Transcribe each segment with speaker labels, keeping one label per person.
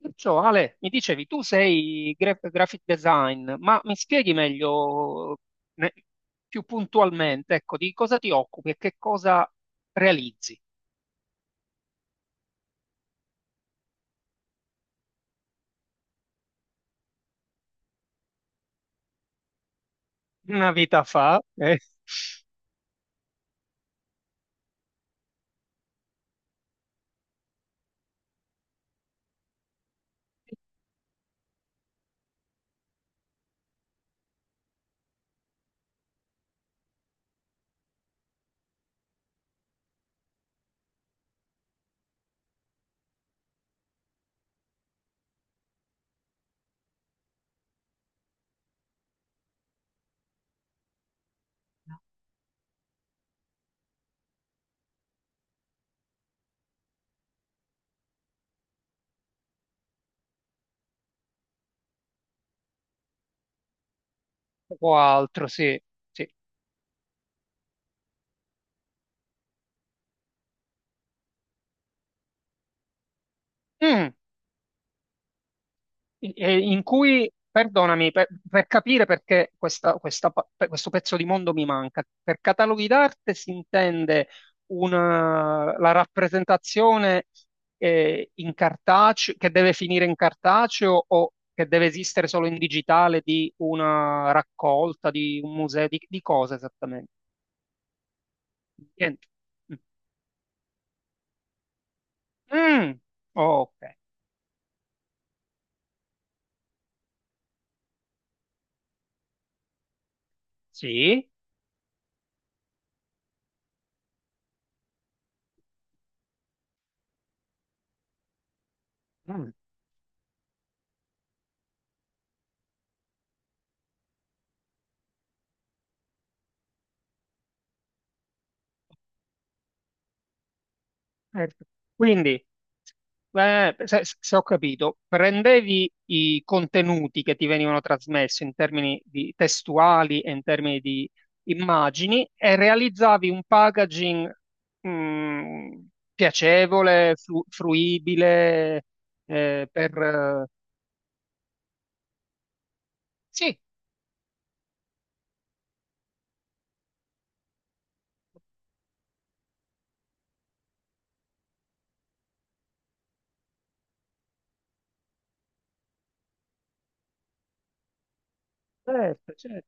Speaker 1: Perciò, Ale, mi dicevi, tu sei graphic design, ma mi spieghi meglio, ne- più puntualmente, ecco, di cosa ti occupi e che cosa realizzi? Una vita fa, o altro, sì, sì. Mm. E in cui, perdonami, per capire perché questa questo pezzo di mondo mi manca, per cataloghi d'arte si intende la rappresentazione, in cartaceo, che deve finire in cartaceo o che deve esistere solo in digitale di una raccolta, di un museo, di cosa esattamente? Niente. Mm. Mm. Ok, sì. Certo. Quindi, se, se ho capito, prendevi i contenuti che ti venivano trasmessi in termini di testuali e in termini di immagini e realizzavi un packaging, mh, piacevole, fruibile, per... sì, certo, certo, certo.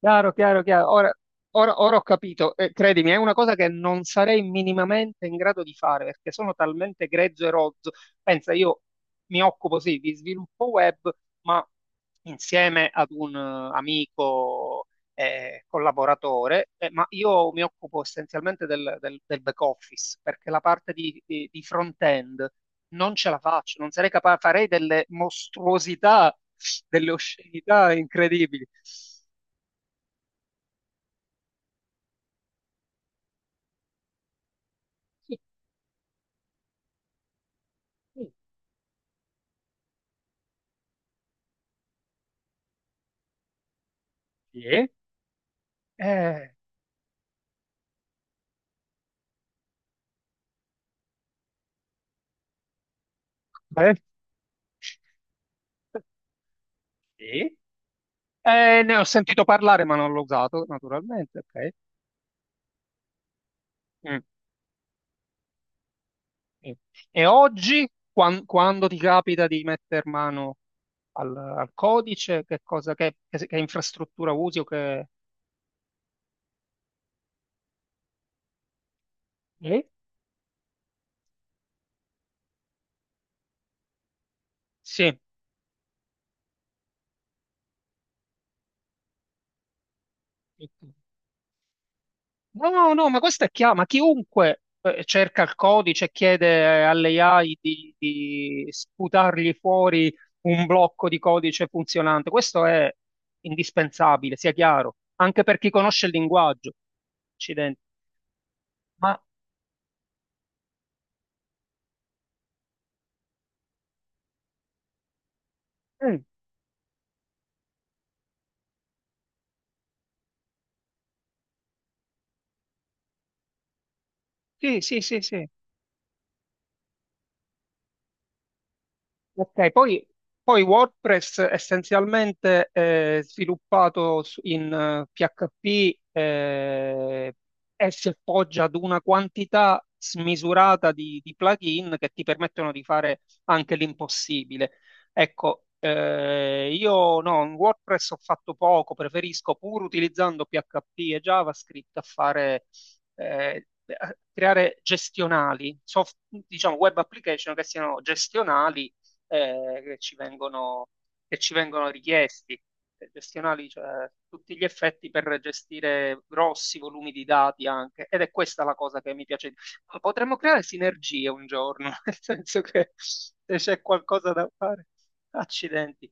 Speaker 1: Chiaro, chiaro, chiaro. Ora, ora ho capito. Credimi, è una cosa che non sarei minimamente in grado di fare perché sono talmente grezzo e rozzo. Pensa, io mi occupo sì di sviluppo web, ma insieme ad un amico collaboratore, ma io mi occupo essenzialmente del, del back office, perché la parte di, di front-end non ce la faccio, non sarei capace, farei delle mostruosità, delle oscenità incredibili. Sì. Eh, beh, sì. Ne ho sentito parlare, ma non l'ho usato, naturalmente. Ok. Mm, sì. E oggi, quando ti capita di metter mano al, al codice, che cosa, che, che infrastruttura usi o che... Sì. Sì. No, no, no, ma questa è chiaro, ma chiunque cerca il codice e chiede alle AI di sputargli fuori un blocco di codice funzionante, questo è indispensabile, sia chiaro, anche per chi conosce il linguaggio. Accidenti. Ma mm, sì, sì, sì, sì. Ok, poi, poi WordPress essenzialmente è sviluppato in PHP e si appoggia ad una quantità smisurata di plugin che ti permettono di fare anche l'impossibile. Ecco, io no, in WordPress ho fatto poco, preferisco pur utilizzando PHP e JavaScript a fare... eh, a creare gestionali, diciamo web application che siano gestionali eh, che ci vengono, che ci vengono richiesti, gestionali, cioè a tutti gli effetti per gestire grossi volumi di dati anche. Ed è questa la cosa che mi piace. Di- Ma potremmo creare sinergie un giorno, nel senso che se c'è qualcosa da fare, accidenti.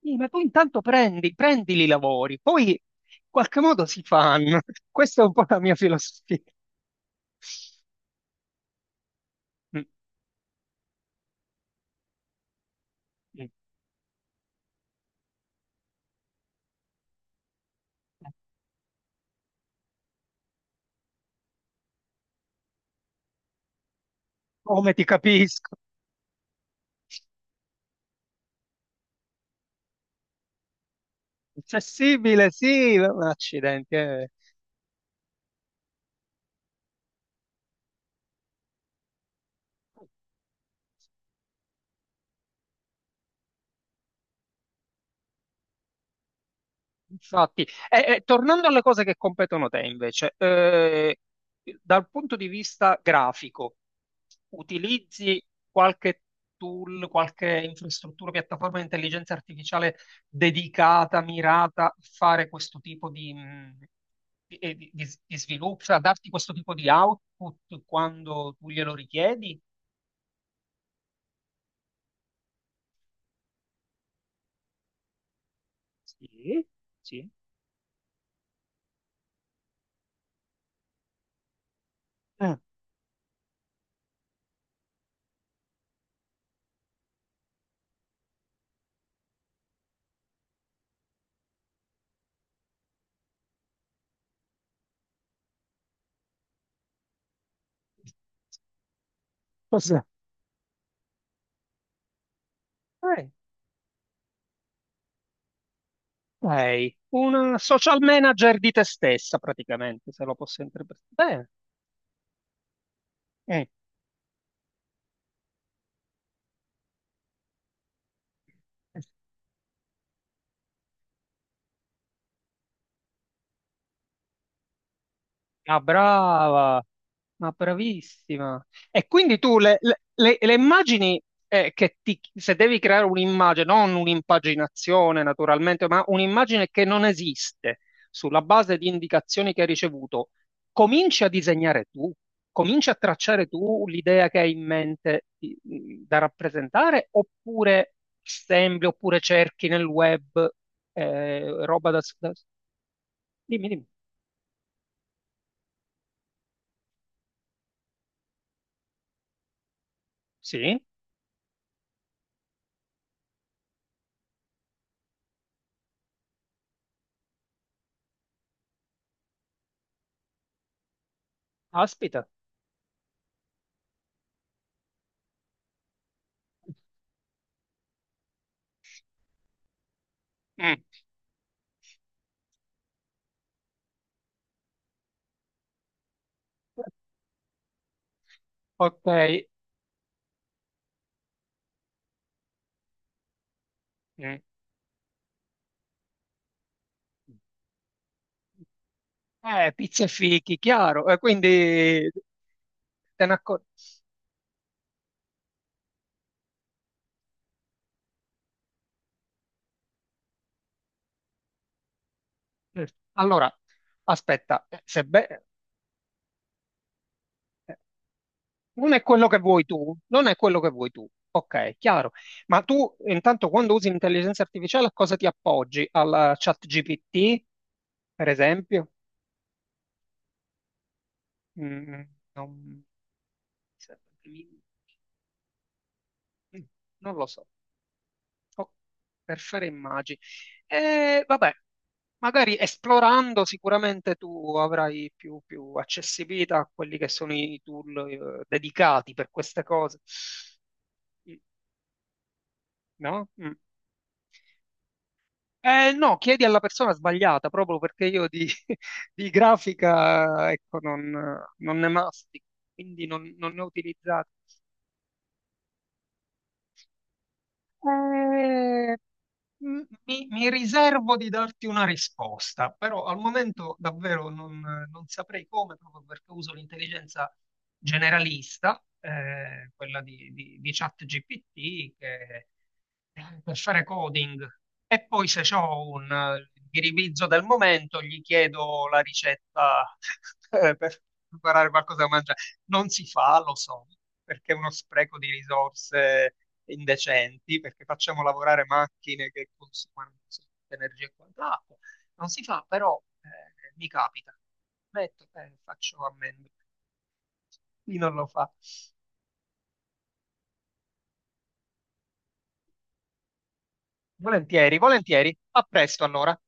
Speaker 1: Sì, ma tu intanto prendi, prendili i lavori, poi in qualche modo si fanno. Questa è un po' la mia filosofia. Mm, mm. Come ti capisco? Accessibile, sì, ma accidenti, eh. Infatti, e tornando alle cose che competono te invece, dal punto di vista grafico, utilizzi qualche tool, qualche infrastruttura, piattaforma di intelligenza artificiale dedicata, mirata a fare questo tipo di- di sviluppo, cioè a darti questo tipo di output quando tu glielo richiedi? Sì, sì. Eh, forse. Sei una social manager di te stessa, praticamente, se lo posso interpretare. Bene. Mm. Ah, brava, ma bravissima. E quindi tu le, le immagini che ti, se devi creare un'immagine, non un'impaginazione naturalmente, ma un'immagine che non esiste sulla base di indicazioni che hai ricevuto, cominci a disegnare tu, cominci a tracciare tu l'idea che hai in mente di- da rappresentare, oppure assembli, oppure cerchi nel web roba da, da... Dimmi, dimmi. Sì, aspita. Ok, Mm. Eh, pizza e fichi, chiaro. Quindi te ne accor- Mm. Allora, aspetta, se be- eh, non è quello che vuoi tu, non è quello che vuoi tu. Ok, chiaro. Ma tu intanto quando usi l'intelligenza artificiale a cosa ti appoggi? Al chat GPT, per esempio? Mm, non... Non lo so. Oh, per fare immagini. E vabbè, magari esplorando sicuramente tu avrai più, più accessibilità a quelli che sono i tool dedicati per queste cose. Mm, no? Mm. No, chiedi alla persona sbagliata, proprio perché io di, di grafica, ecco, non, non ne mastico, quindi non, non ne ho utilizzati. Eh, m- mi, mi riservo di darti una risposta, però al momento davvero non, non saprei come, proprio perché uso l'intelligenza generalista, quella di ChatGPT, che, per fare coding. E poi se ho un ghiribizzo del momento, gli chiedo la ricetta per preparare qualcosa da mangiare. Non si fa, lo so, perché è uno spreco di risorse indecenti, perché facciamo lavorare macchine che consumano un sacco di energia e quant'altro. Non si fa, però mi capita. Metto, faccio ammenda. Chi non lo fa? Volentieri, volentieri. A presto allora.